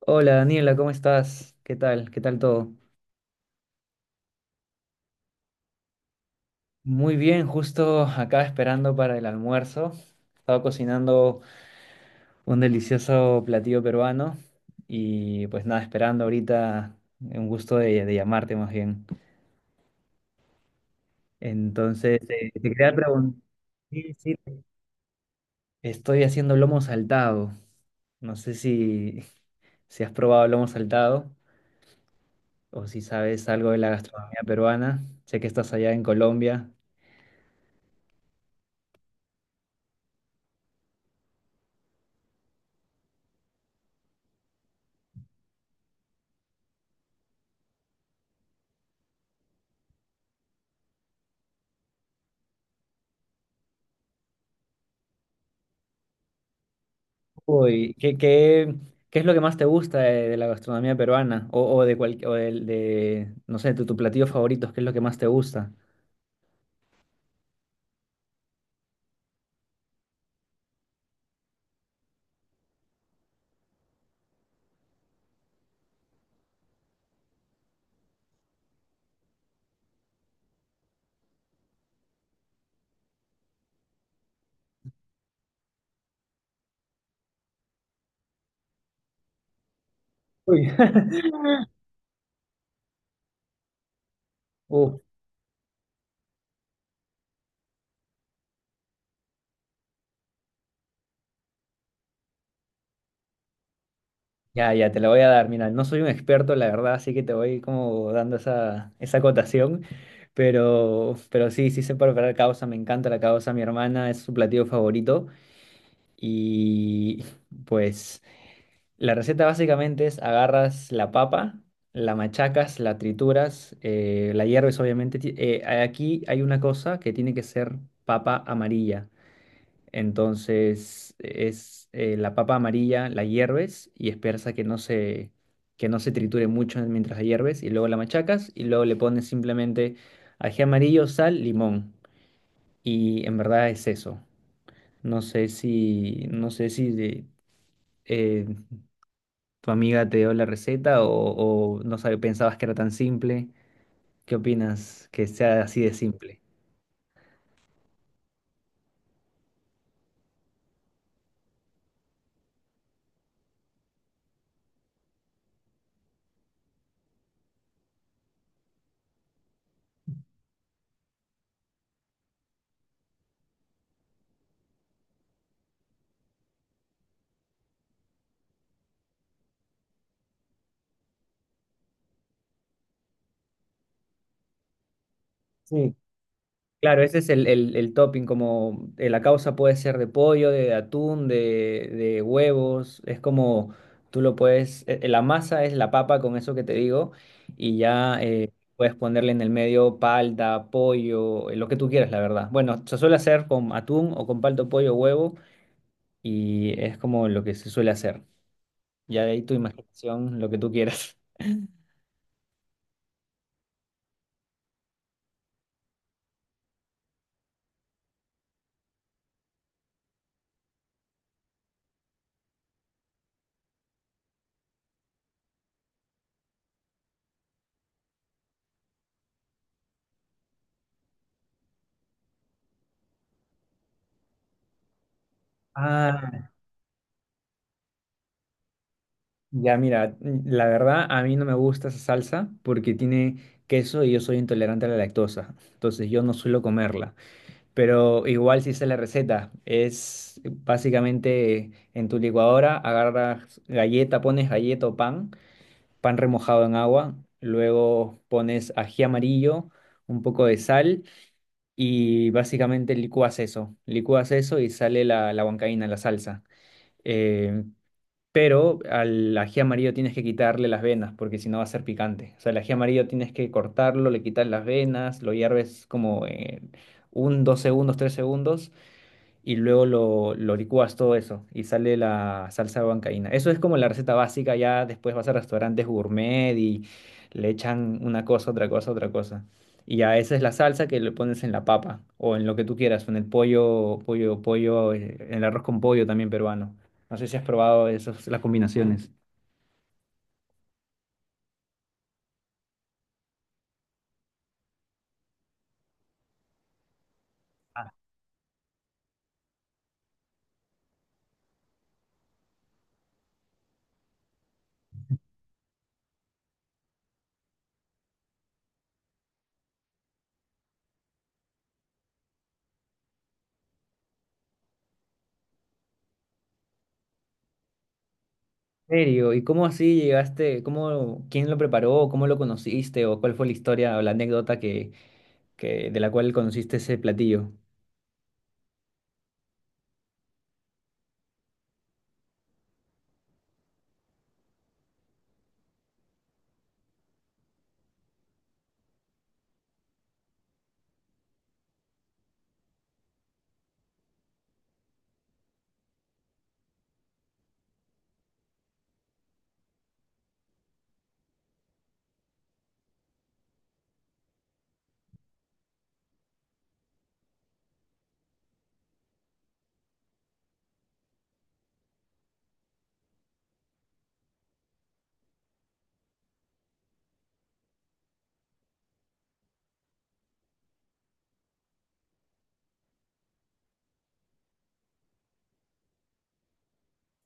Hola Daniela, ¿cómo estás? ¿Qué tal? ¿Qué tal todo? Muy bien, justo acá esperando para el almuerzo. Estaba cocinando un delicioso platillo peruano y pues nada, esperando ahorita un gusto de llamarte más bien. Entonces, te quería preguntar, sí, sí, estoy haciendo lomo saltado. No sé si, si has probado lomo saltado o si sabes algo de la gastronomía peruana. Sé que estás allá en Colombia. Uy, ¿qué es lo que más te gusta de la gastronomía peruana? O de cual, o de, no sé, tu platillo favorito, ¿qué es lo que más te gusta? Uy. Uf, ya, te la voy a dar. Mira, no soy un experto, la verdad, así que te voy como dando esa acotación. Pero sí, sí sé preparar causa, me encanta la causa, mi hermana es su platillo favorito. Y pues, la receta básicamente es agarras la papa, la machacas, la trituras, la hierves obviamente. Aquí hay una cosa que tiene que ser papa amarilla. Entonces es la papa amarilla, la hierves y esperas a que no se triture mucho mientras la hierves y luego la machacas y luego le pones simplemente ají amarillo, sal, limón. Y en verdad es eso. No sé si eh, ¿tu amiga te dio la receta o no sabe, pensabas que era tan simple? ¿Qué opinas que sea así de simple? Sí, claro, ese es el topping, como la causa puede ser de pollo, de atún, de huevos, es como tú lo puedes, la masa es la papa con eso que te digo y ya, puedes ponerle en el medio palta, pollo, lo que tú quieras, la verdad. Bueno, se suele hacer con atún o con palta, pollo, huevo y es como lo que se suele hacer. Ya de ahí tu imaginación, lo que tú quieras. Ah, ya mira, la verdad a mí no me gusta esa salsa porque tiene queso y yo soy intolerante a la lactosa, entonces yo no suelo comerla, pero igual si sé la receta, es básicamente en tu licuadora agarras galleta, pones galleta o pan, pan remojado en agua, luego pones ají amarillo, un poco de sal y básicamente licúas eso y sale la huancaína, la salsa. eh, pero al ají amarillo tienes que quitarle las venas porque si no va a ser picante. O sea, el ají amarillo tienes que cortarlo, le quitas las venas, lo hierves como un, dos segundos, tres segundos y luego lo licúas todo eso y sale la salsa de huancaína. Eso es como la receta básica, ya después vas a restaurantes gourmet y le echan una cosa, otra cosa, otra cosa. Y ya esa es la salsa que le pones en la papa o en lo que tú quieras, o en el pollo, pollo, pollo, en el arroz con pollo también peruano. No sé si has probado esas, las combinaciones. ¿En serio? ¿Y cómo así llegaste? ¿Cómo, quién lo preparó? ¿Cómo lo conociste? ¿O cuál fue la historia o la anécdota de la cual conociste ese platillo?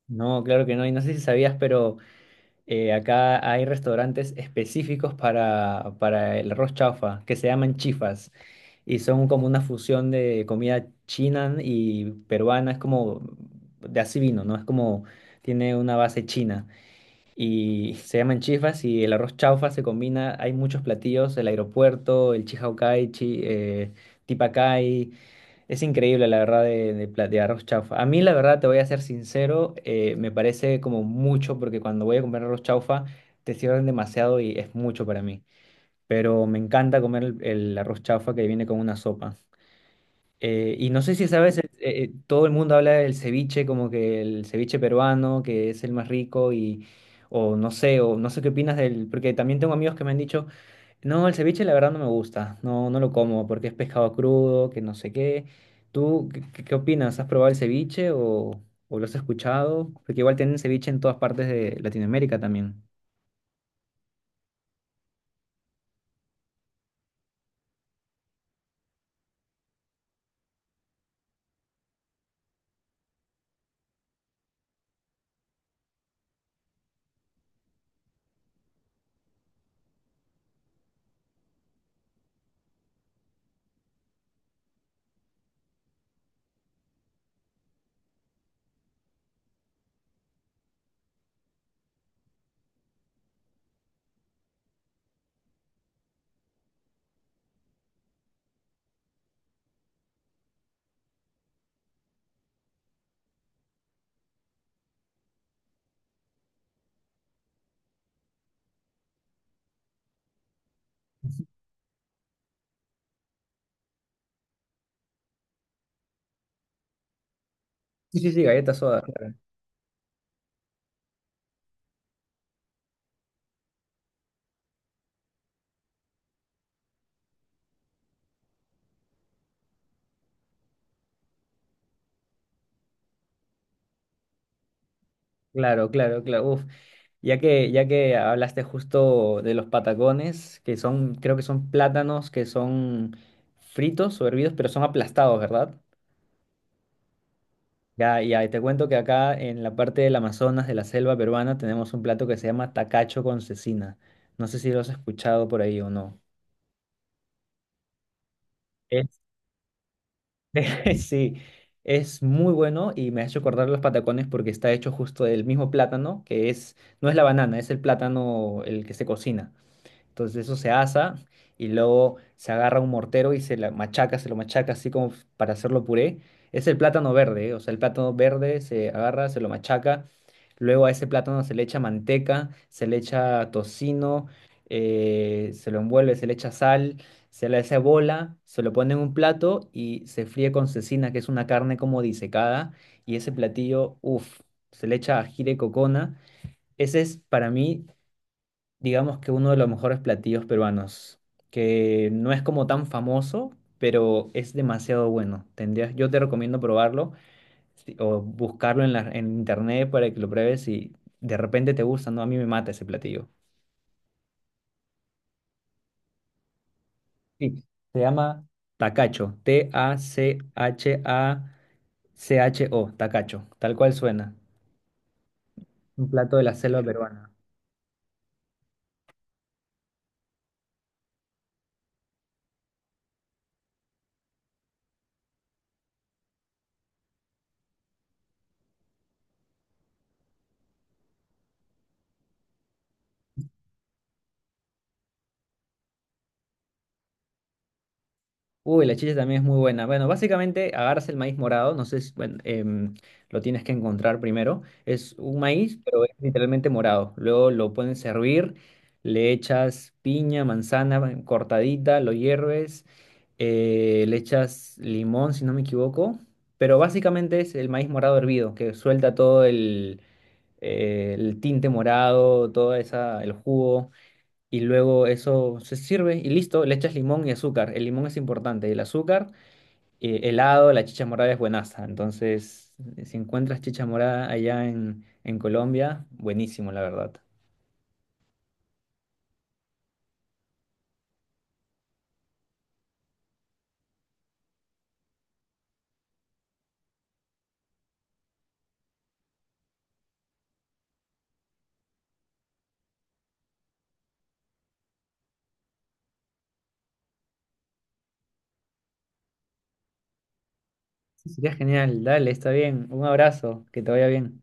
No, claro que no. Y no sé si sabías, pero acá hay restaurantes específicos para el arroz chaufa, que se llaman chifas, y son como una fusión de comida china y peruana, es como de así vino, ¿no? Es como tiene una base china. Y se llaman chifas y el arroz chaufa se combina, hay muchos platillos, el aeropuerto, el chihaucay, tipacay. Es increíble, la verdad, de arroz chaufa. A mí, la verdad, te voy a ser sincero, me parece como mucho, porque cuando voy a comer arroz chaufa, te sirven demasiado y es mucho para mí. Pero me encanta comer el arroz chaufa que viene con una sopa. Y no sé si sabes, todo el mundo habla del ceviche, como que el ceviche peruano, que es el más rico, y, o no sé qué opinas del, porque también tengo amigos que me han dicho no, el ceviche la verdad no me gusta, no, no lo como porque es pescado crudo, que no sé qué. ¿Tú qué opinas? ¿Has probado el ceviche o lo has escuchado? Porque igual tienen ceviche en todas partes de Latinoamérica también. Sí, sí, sí, galletas soda. Claro, claro, claro. Uf. Ya que hablaste justo de los patacones, que son, creo que son plátanos que son fritos o hervidos, pero son aplastados, ¿verdad? Ya, ya, y te cuento que acá en la parte del Amazonas, de la selva peruana, tenemos un plato que se llama tacacho con cecina. No sé si lo has escuchado por ahí o no. Es- sí, es muy bueno y me ha hecho acordar los patacones porque está hecho justo del mismo plátano, no es la banana, es el plátano el que se cocina. Entonces eso se asa y luego se agarra un mortero y se la machaca, se lo machaca así como para hacerlo puré. Es el plátano verde, ¿eh? O sea, el plátano verde se agarra, se lo machaca. Luego a ese plátano se le echa manteca, se le echa tocino, se lo envuelve, se le echa sal, se le hace bola, se lo pone en un plato y se fríe con cecina, que es una carne como disecada. Y ese platillo, uff, se le echa ají de cocona. Ese es para mí digamos que uno de los mejores platillos peruanos, que no es como tan famoso, pero es demasiado bueno. Tendrías, yo te recomiendo probarlo o buscarlo en en internet para que lo pruebes y de repente te gusta, ¿no? A mí me mata ese platillo. Sí, se llama tacacho, TACHACHO, tacacho, tal cual suena. Un plato de la selva peruana. Uy, la chicha también es muy buena. Bueno, básicamente agarras el maíz morado, no sé si, bueno, lo tienes que encontrar primero. Es un maíz, pero es literalmente morado. Luego lo pones a hervir, le echas piña, manzana cortadita, lo hierves, le echas limón, si no me equivoco. Pero básicamente es el maíz morado hervido, que suelta todo el tinte morado, todo esa, el jugo y luego eso se sirve y listo, le echas limón y azúcar. El limón es importante, el azúcar, helado, la chicha morada es buenaza. Entonces, si encuentras chicha morada allá en Colombia, buenísimo, la verdad. Sería genial, dale, está bien. Un abrazo, que te vaya bien.